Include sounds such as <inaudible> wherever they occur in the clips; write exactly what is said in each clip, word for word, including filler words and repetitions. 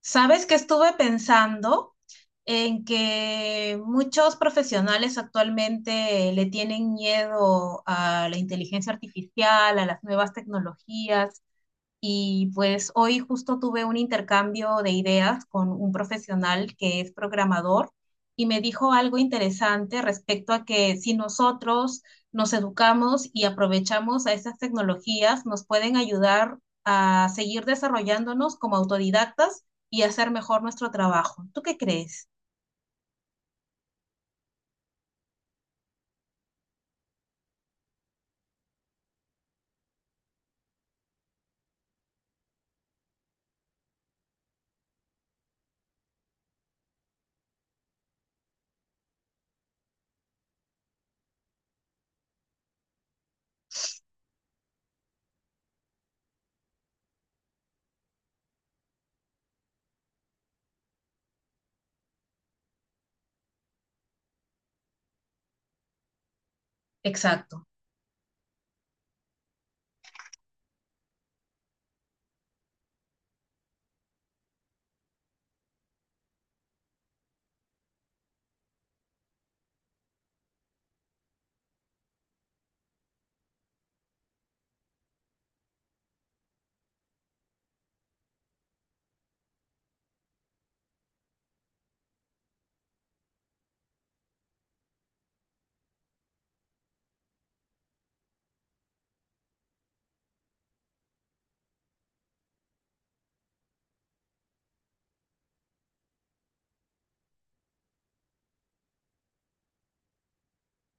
Sabes que estuve pensando en que muchos profesionales actualmente le tienen miedo a la inteligencia artificial, a las nuevas tecnologías, y pues hoy justo tuve un intercambio de ideas con un profesional que es programador y me dijo algo interesante respecto a que si nosotros nos educamos y aprovechamos a esas tecnologías, nos pueden ayudar a seguir desarrollándonos como autodidactas y hacer mejor nuestro trabajo. ¿Tú qué crees? Exacto.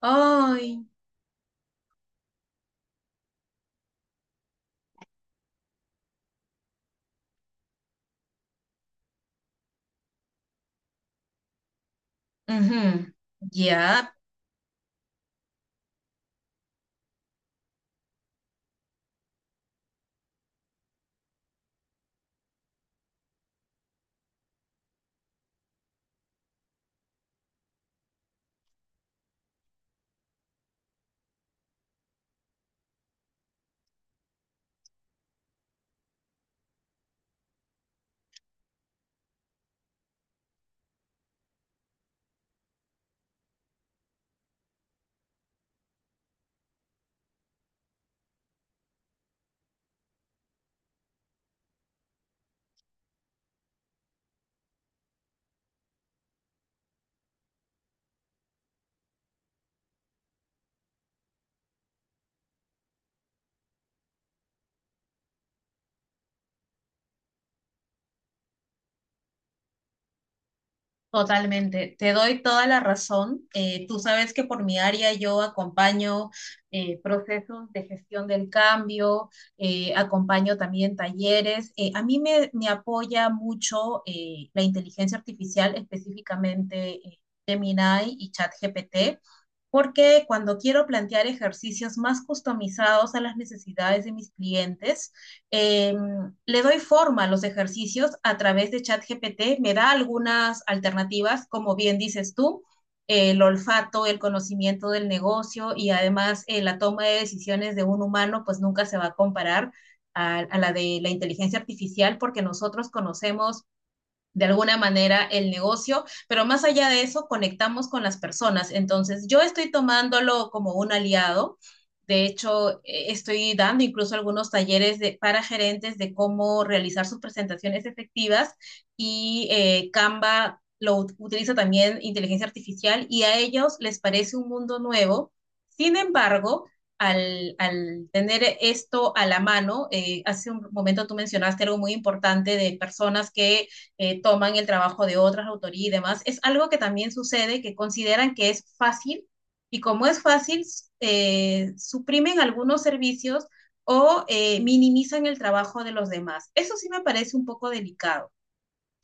Ay, ujú. Ya. Totalmente, te doy toda la razón. Eh, tú sabes que por mi área yo acompaño eh, procesos de gestión del cambio, eh, acompaño también talleres. Eh, a mí me, me apoya mucho eh, la inteligencia artificial, específicamente eh, Gemini y ChatGPT porque cuando quiero plantear ejercicios más customizados a las necesidades de mis clientes, eh, le doy forma a los ejercicios a través de ChatGPT, me da algunas alternativas, como bien dices tú, el olfato, el conocimiento del negocio y además eh, la toma de decisiones de un humano, pues nunca se va a comparar a, a, la de la inteligencia artificial porque nosotros conocemos de alguna manera el negocio, pero más allá de eso, conectamos con las personas. Entonces, yo estoy tomándolo como un aliado. De hecho, eh, estoy dando incluso algunos talleres de, para gerentes de cómo realizar sus presentaciones efectivas y eh, Canva lo ut- utiliza también inteligencia artificial y a ellos les parece un mundo nuevo. Sin embargo, al, al tener esto a la mano, eh, hace un momento tú mencionaste algo muy importante de personas que eh, toman el trabajo de otras autorías y demás. Es algo que también sucede, que consideran que es fácil y como es fácil, eh, suprimen algunos servicios o eh, minimizan el trabajo de los demás. Eso sí me parece un poco delicado.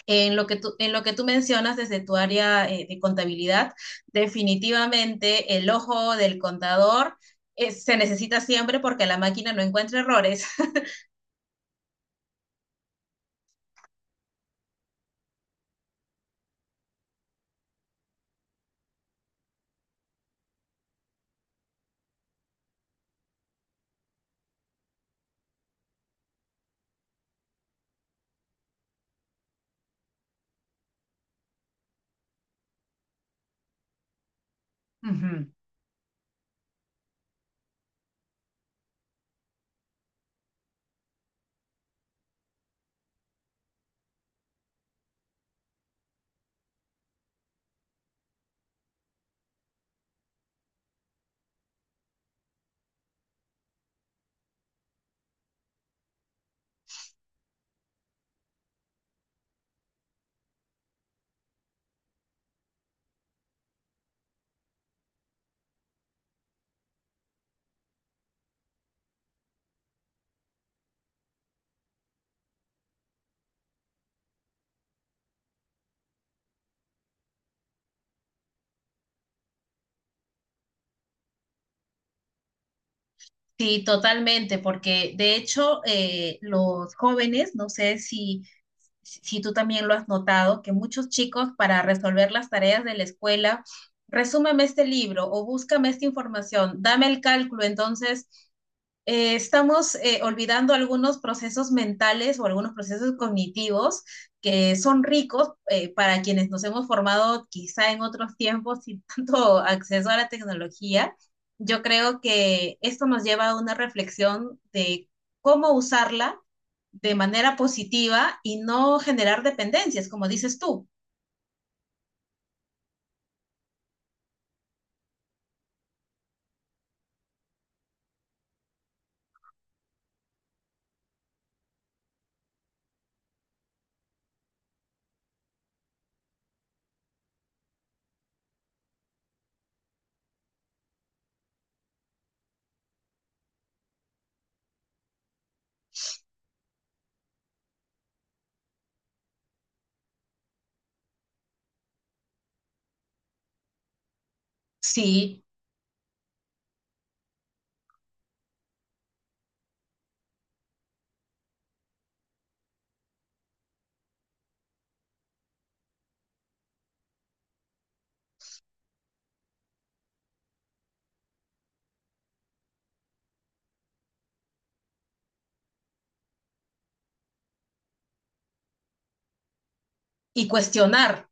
En lo que tú, en lo que tú mencionas desde tu área eh, de contabilidad, definitivamente el ojo del contador eh, se necesita siempre porque la máquina no encuentra errores. Ujú. Sí, totalmente, porque de hecho eh, los jóvenes, no sé si, si tú también lo has notado, que muchos chicos para resolver las tareas de la escuela, resúmeme este libro o búscame esta información, dame el cálculo, entonces eh, estamos eh, olvidando algunos procesos mentales o algunos procesos cognitivos que son ricos eh, para quienes nos hemos formado quizá en otros tiempos sin <laughs> tanto acceso a la tecnología. Yo creo que esto nos lleva a una reflexión de cómo usarla de manera positiva y no generar dependencias, como dices tú. Sí, y cuestionar.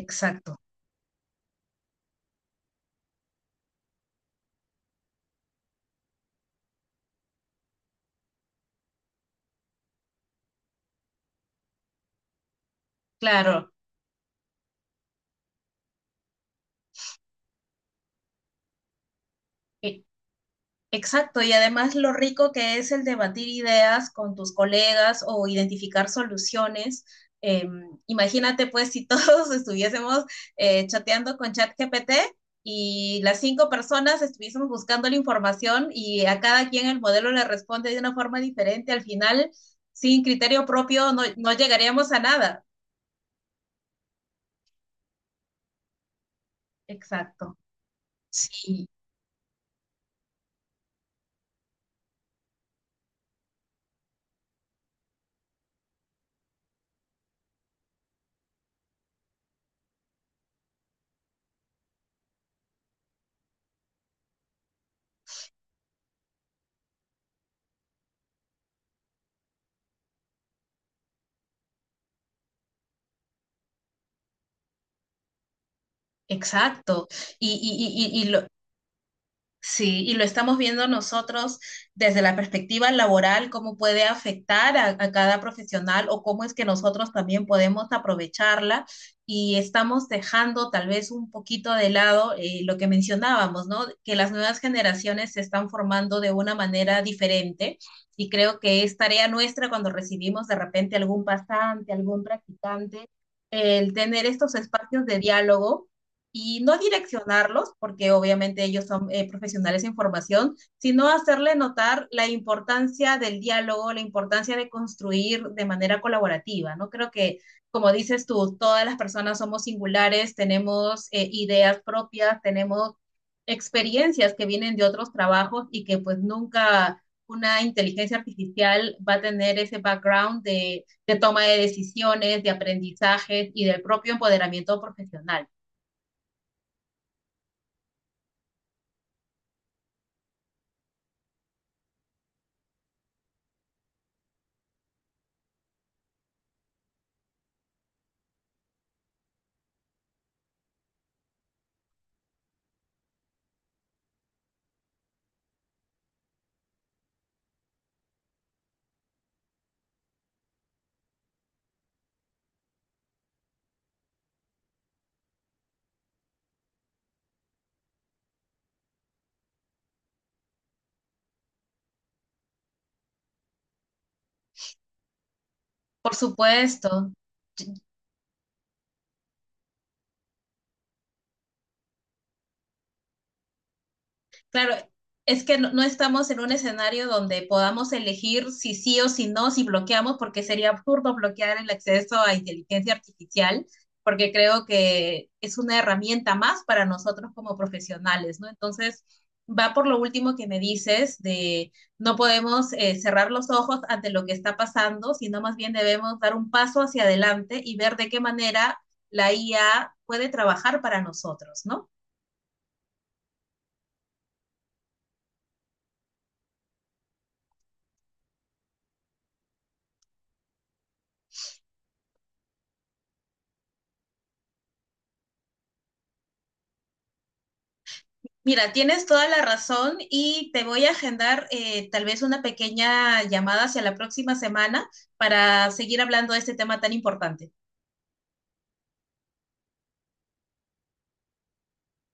Exacto, claro. Exacto, y además lo rico que es el debatir ideas con tus colegas o identificar soluciones. Eh, Imagínate pues si todos <laughs> estuviésemos eh, chateando con ChatGPT y las cinco personas estuviésemos buscando la información y a cada quien el modelo le responde de una forma diferente, al final sin criterio propio no, no llegaríamos a nada. Exacto, sí, exacto. Y, y, y, y- y lo, Sí, y lo estamos viendo nosotros desde la perspectiva laboral, cómo puede afectar a, a cada profesional o cómo es que nosotros también podemos aprovecharla y estamos dejando tal vez un poquito de lado eh, lo que mencionábamos, ¿no? Que las nuevas generaciones se están formando de una manera diferente y creo que es tarea nuestra cuando recibimos de repente algún pasante, algún practicante, el tener estos espacios de diálogo y no direccionarlos, porque obviamente ellos son eh, profesionales en formación, sino hacerle notar la importancia del diálogo, la importancia de construir de manera colaborativa, ¿no? Creo que, como dices tú, todas las personas somos singulares, tenemos eh, ideas propias, tenemos experiencias que vienen de otros trabajos y que pues nunca una inteligencia artificial va a tener ese background de, de toma de decisiones, de aprendizaje y del propio empoderamiento profesional. Por supuesto. Claro, es que no, no estamos en un escenario donde podamos elegir si sí o si no, si bloqueamos, porque sería absurdo bloquear el acceso a inteligencia artificial, porque creo que es una herramienta más para nosotros como profesionales, ¿no? Entonces, va por lo último que me dices de no podemos eh, cerrar los ojos ante lo que está pasando, sino más bien debemos dar un paso hacia adelante y ver de qué manera la I A puede trabajar para nosotros, ¿no? Mira, tienes toda la razón y te voy a agendar eh, tal vez una pequeña llamada hacia la próxima semana para seguir hablando de este tema tan importante.